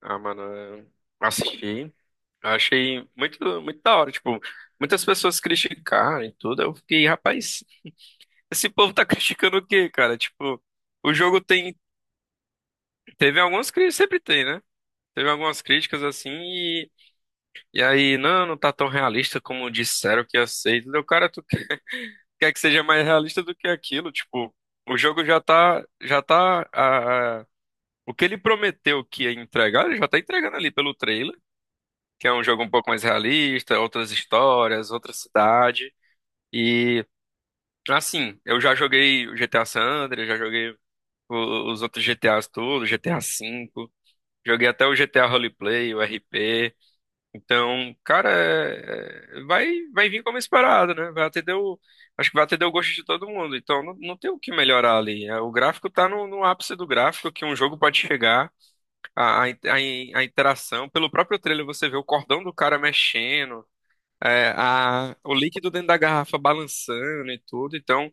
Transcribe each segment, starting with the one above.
Ah, mano, eu assisti. Eu achei muito, muito da hora. Tipo, muitas pessoas criticaram e tudo. Eu fiquei, rapaz, esse povo tá criticando o quê, cara? Tipo, o jogo tem. Teve algumas críticas, sempre tem, né? Teve algumas críticas assim e aí, não, não tá tão realista como disseram que ia ser. Entendeu? Cara, tu quer que seja mais realista do que aquilo? Tipo, o jogo já tá, o que ele prometeu que ia entregar, ele já tá entregando ali pelo trailer. Que é um jogo um pouco mais realista, outras histórias, outra cidade. E assim, eu já joguei o GTA San Andreas, já joguei os outros GTAs todos, GTA V, joguei até o GTA Roleplay, o RP. Então, cara, vai vir como esperado, né? Vai atender o, acho que vai atender o gosto de todo mundo. Então, não, não tem o que melhorar ali. É, o gráfico tá no ápice do gráfico que um jogo pode chegar. A interação, pelo próprio trailer você vê o cordão do cara mexendo, o líquido dentro da garrafa balançando e tudo, então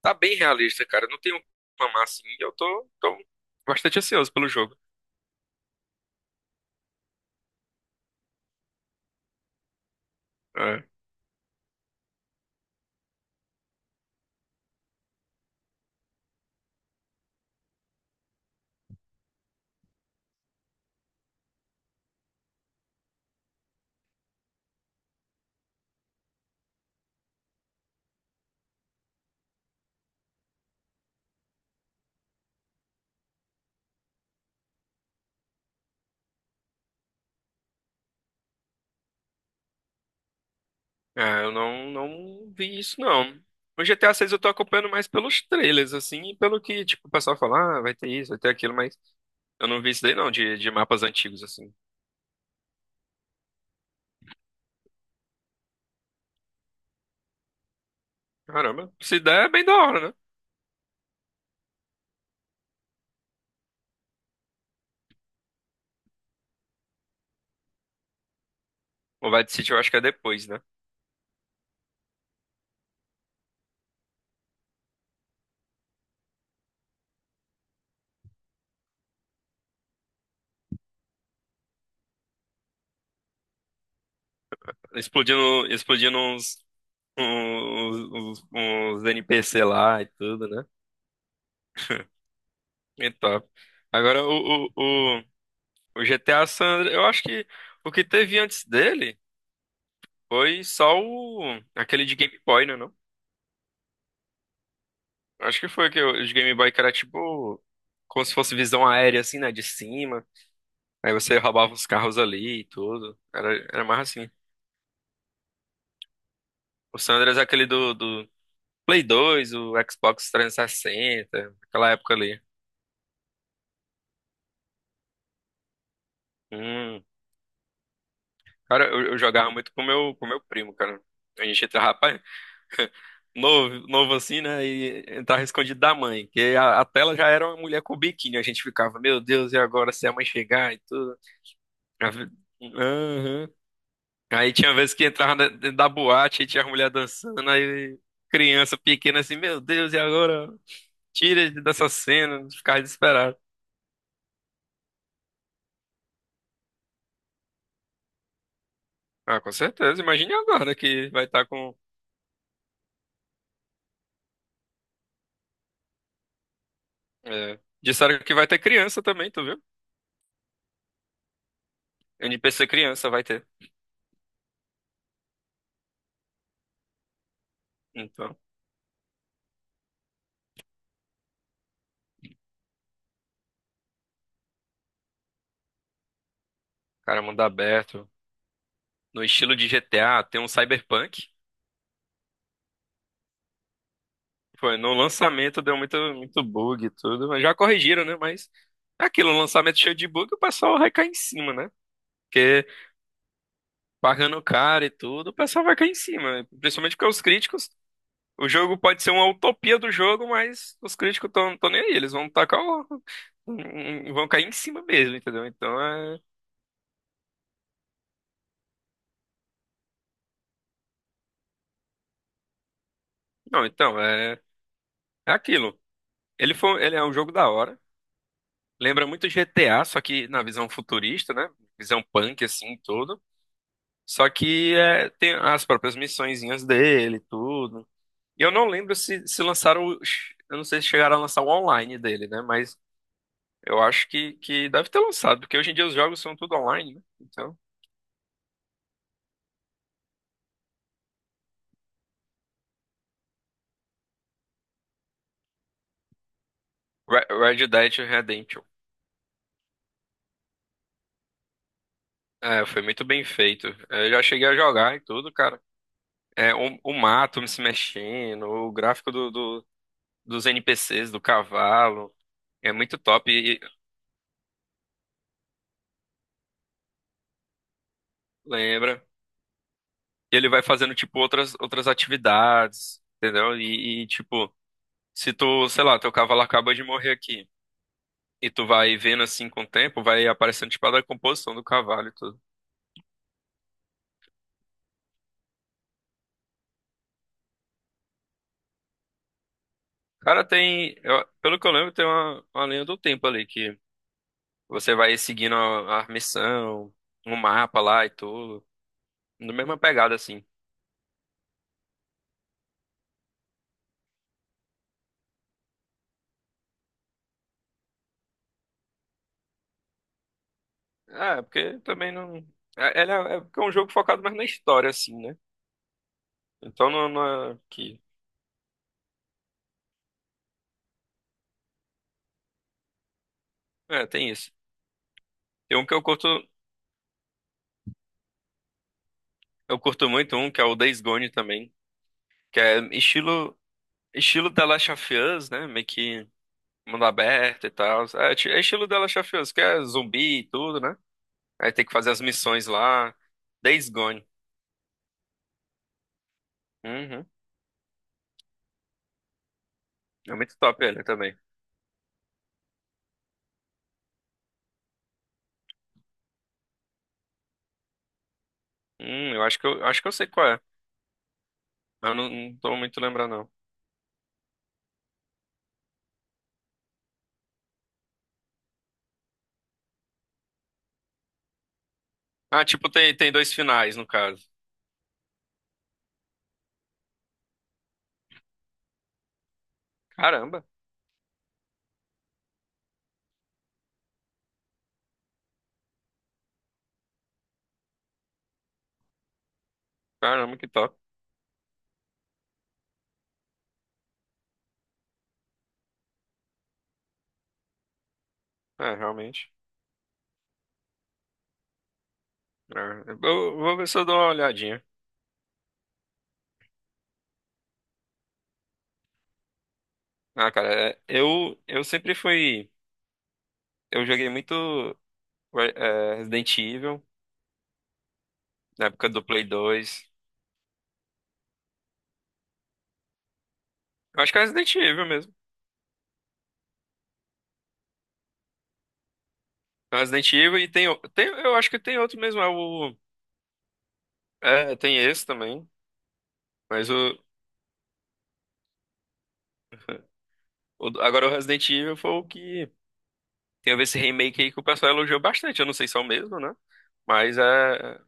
tá bem realista, cara. Não tenho o que reclamar assim, eu tô bastante ansioso pelo jogo. É, eu não, não vi isso, não. O GTA 6 eu tô acompanhando mais pelos trailers, assim, e pelo que, tipo, o pessoal fala, ah, vai ter isso, vai ter aquilo, mas eu não vi isso daí, não, de mapas antigos, assim. Caramba, se der, é bem da hora, né? O Vice City eu acho que é depois, né? Explodindo, explodindo uns NPC lá e tudo, né? E top. Agora o GTA San Andreas, eu acho que o que teve antes dele foi só o aquele de Game Boy, né, não? Acho que foi que o de Game Boy que era tipo como se fosse visão aérea assim, né, de cima. Aí você roubava os carros ali e tudo. Era mais assim. O San Andreas é aquele do Play 2 o Xbox trezentos e sessenta aquela época ali. Hum. Cara, eu jogava muito com meu primo, cara. A gente entrava, rapaz, novo assim, né? E entrava escondido da mãe, que a tela já era uma mulher com biquíni. A gente ficava, meu Deus, e agora se a mãe chegar e tudo? A vi- Aham. Aí tinha vezes que entrava dentro da boate e tinha a mulher dançando, aí criança pequena assim, meu Deus, e agora? Tira dessa cena, ficava desesperado. Ah, com certeza. Imagine agora que vai estar com. É... Disseram que vai ter criança também, tu viu? NPC criança vai ter. Então, cara, mundo aberto. No estilo de GTA, tem um cyberpunk. Foi, no lançamento deu muito, muito bug e tudo, mas já corrigiram, né? Mas é aquilo, um lançamento cheio de bug, o pessoal vai cair em cima, né? Porque pagando caro e tudo, o pessoal vai cair em cima, né? Principalmente porque os críticos, o jogo pode ser uma utopia do jogo, mas os críticos estão nem aí, eles vão tacar o... um, vão cair em cima mesmo, entendeu? Então é. Não, então, é aquilo. Ele é um jogo da hora. Lembra muito GTA, só que na visão futurista, né? Visão punk, assim, tudo. Só que é, tem as próprias missõezinhas dele, e tudo. E eu não lembro se lançaram. Eu não sei se chegaram a lançar o online dele, né? Mas eu acho que deve ter lançado, porque hoje em dia os jogos são tudo online, né? Então. Red Dead Redemption. É, foi muito bem feito. É, eu já cheguei a jogar e tudo, cara. É, o mato se mexendo, o gráfico dos NPCs, do cavalo. É muito top. Lembra? E ele vai fazendo, tipo, outras atividades, entendeu? Tipo, se tu, sei lá, teu cavalo acaba de morrer aqui, e tu vai vendo assim com o tempo, vai aparecendo, tipo, a decomposição do cavalo e tudo. Cara, tem, pelo que eu lembro, tem uma linha do tempo ali, que você vai seguindo a missão, um mapa lá e tudo, na mesma pegada, assim. É, porque também não... É, é porque é um jogo focado mais na história, assim, né? Então não, não é que... É, tem isso. Tem um que eu curto. Eu curto muito um que é o Days Gone também, que é estilo estilo The Last of Us, né? Meio que mundo aberto e tal. É, é estilo The Last of Us, que é zumbi e tudo, né? Aí tem que fazer as missões lá. Days Gone. Uhum. É muito top ele também. Eu acho que eu sei qual é. Eu não, não tô muito lembrando não. Ah, tipo tem tem dois finais no caso. Caramba, caramba que top. É, realmente. É, eu vou ver se eu dou uma olhadinha. Ah, cara, é, eu sempre fui, eu joguei muito. Resident Evil, na época do Play 2. Eu acho que é Resident Evil mesmo. É Resident Evil e tem, tem. Eu acho que tem outro mesmo. É o. É, tem esse também. Mas agora o Resident Evil foi o que. Tem a ver esse remake aí que o pessoal elogiou bastante. Eu não sei se é o mesmo, né? Mas é.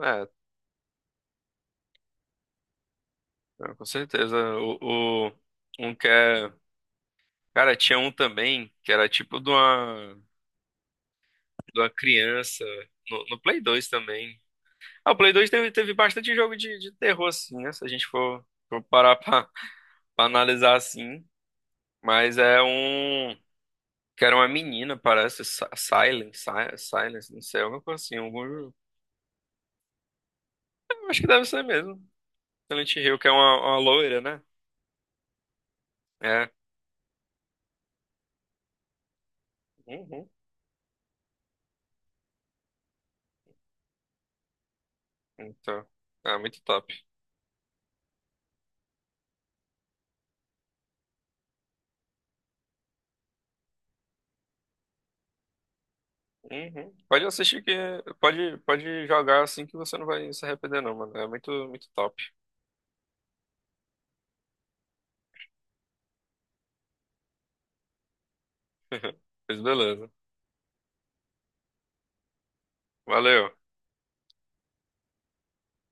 É, com certeza. Um que é. Cara, tinha um também que era tipo de de uma criança. No Play 2 também. Ah, o Play 2 teve, teve bastante jogo de terror, assim, né? Se a gente for, for parar pra, pra analisar assim. Mas é um. Que era uma menina, parece. Silent, Silence, não sei, alguma coisa assim. Algum... Eu acho que deve ser mesmo. Silent Hill, que é uma loira, né? É. Uhum. Então. É muito top. Uhum. Pode assistir que. Pode, pode jogar assim que você não vai se arrepender, não, mano. É muito, muito top. Mas beleza. Valeu.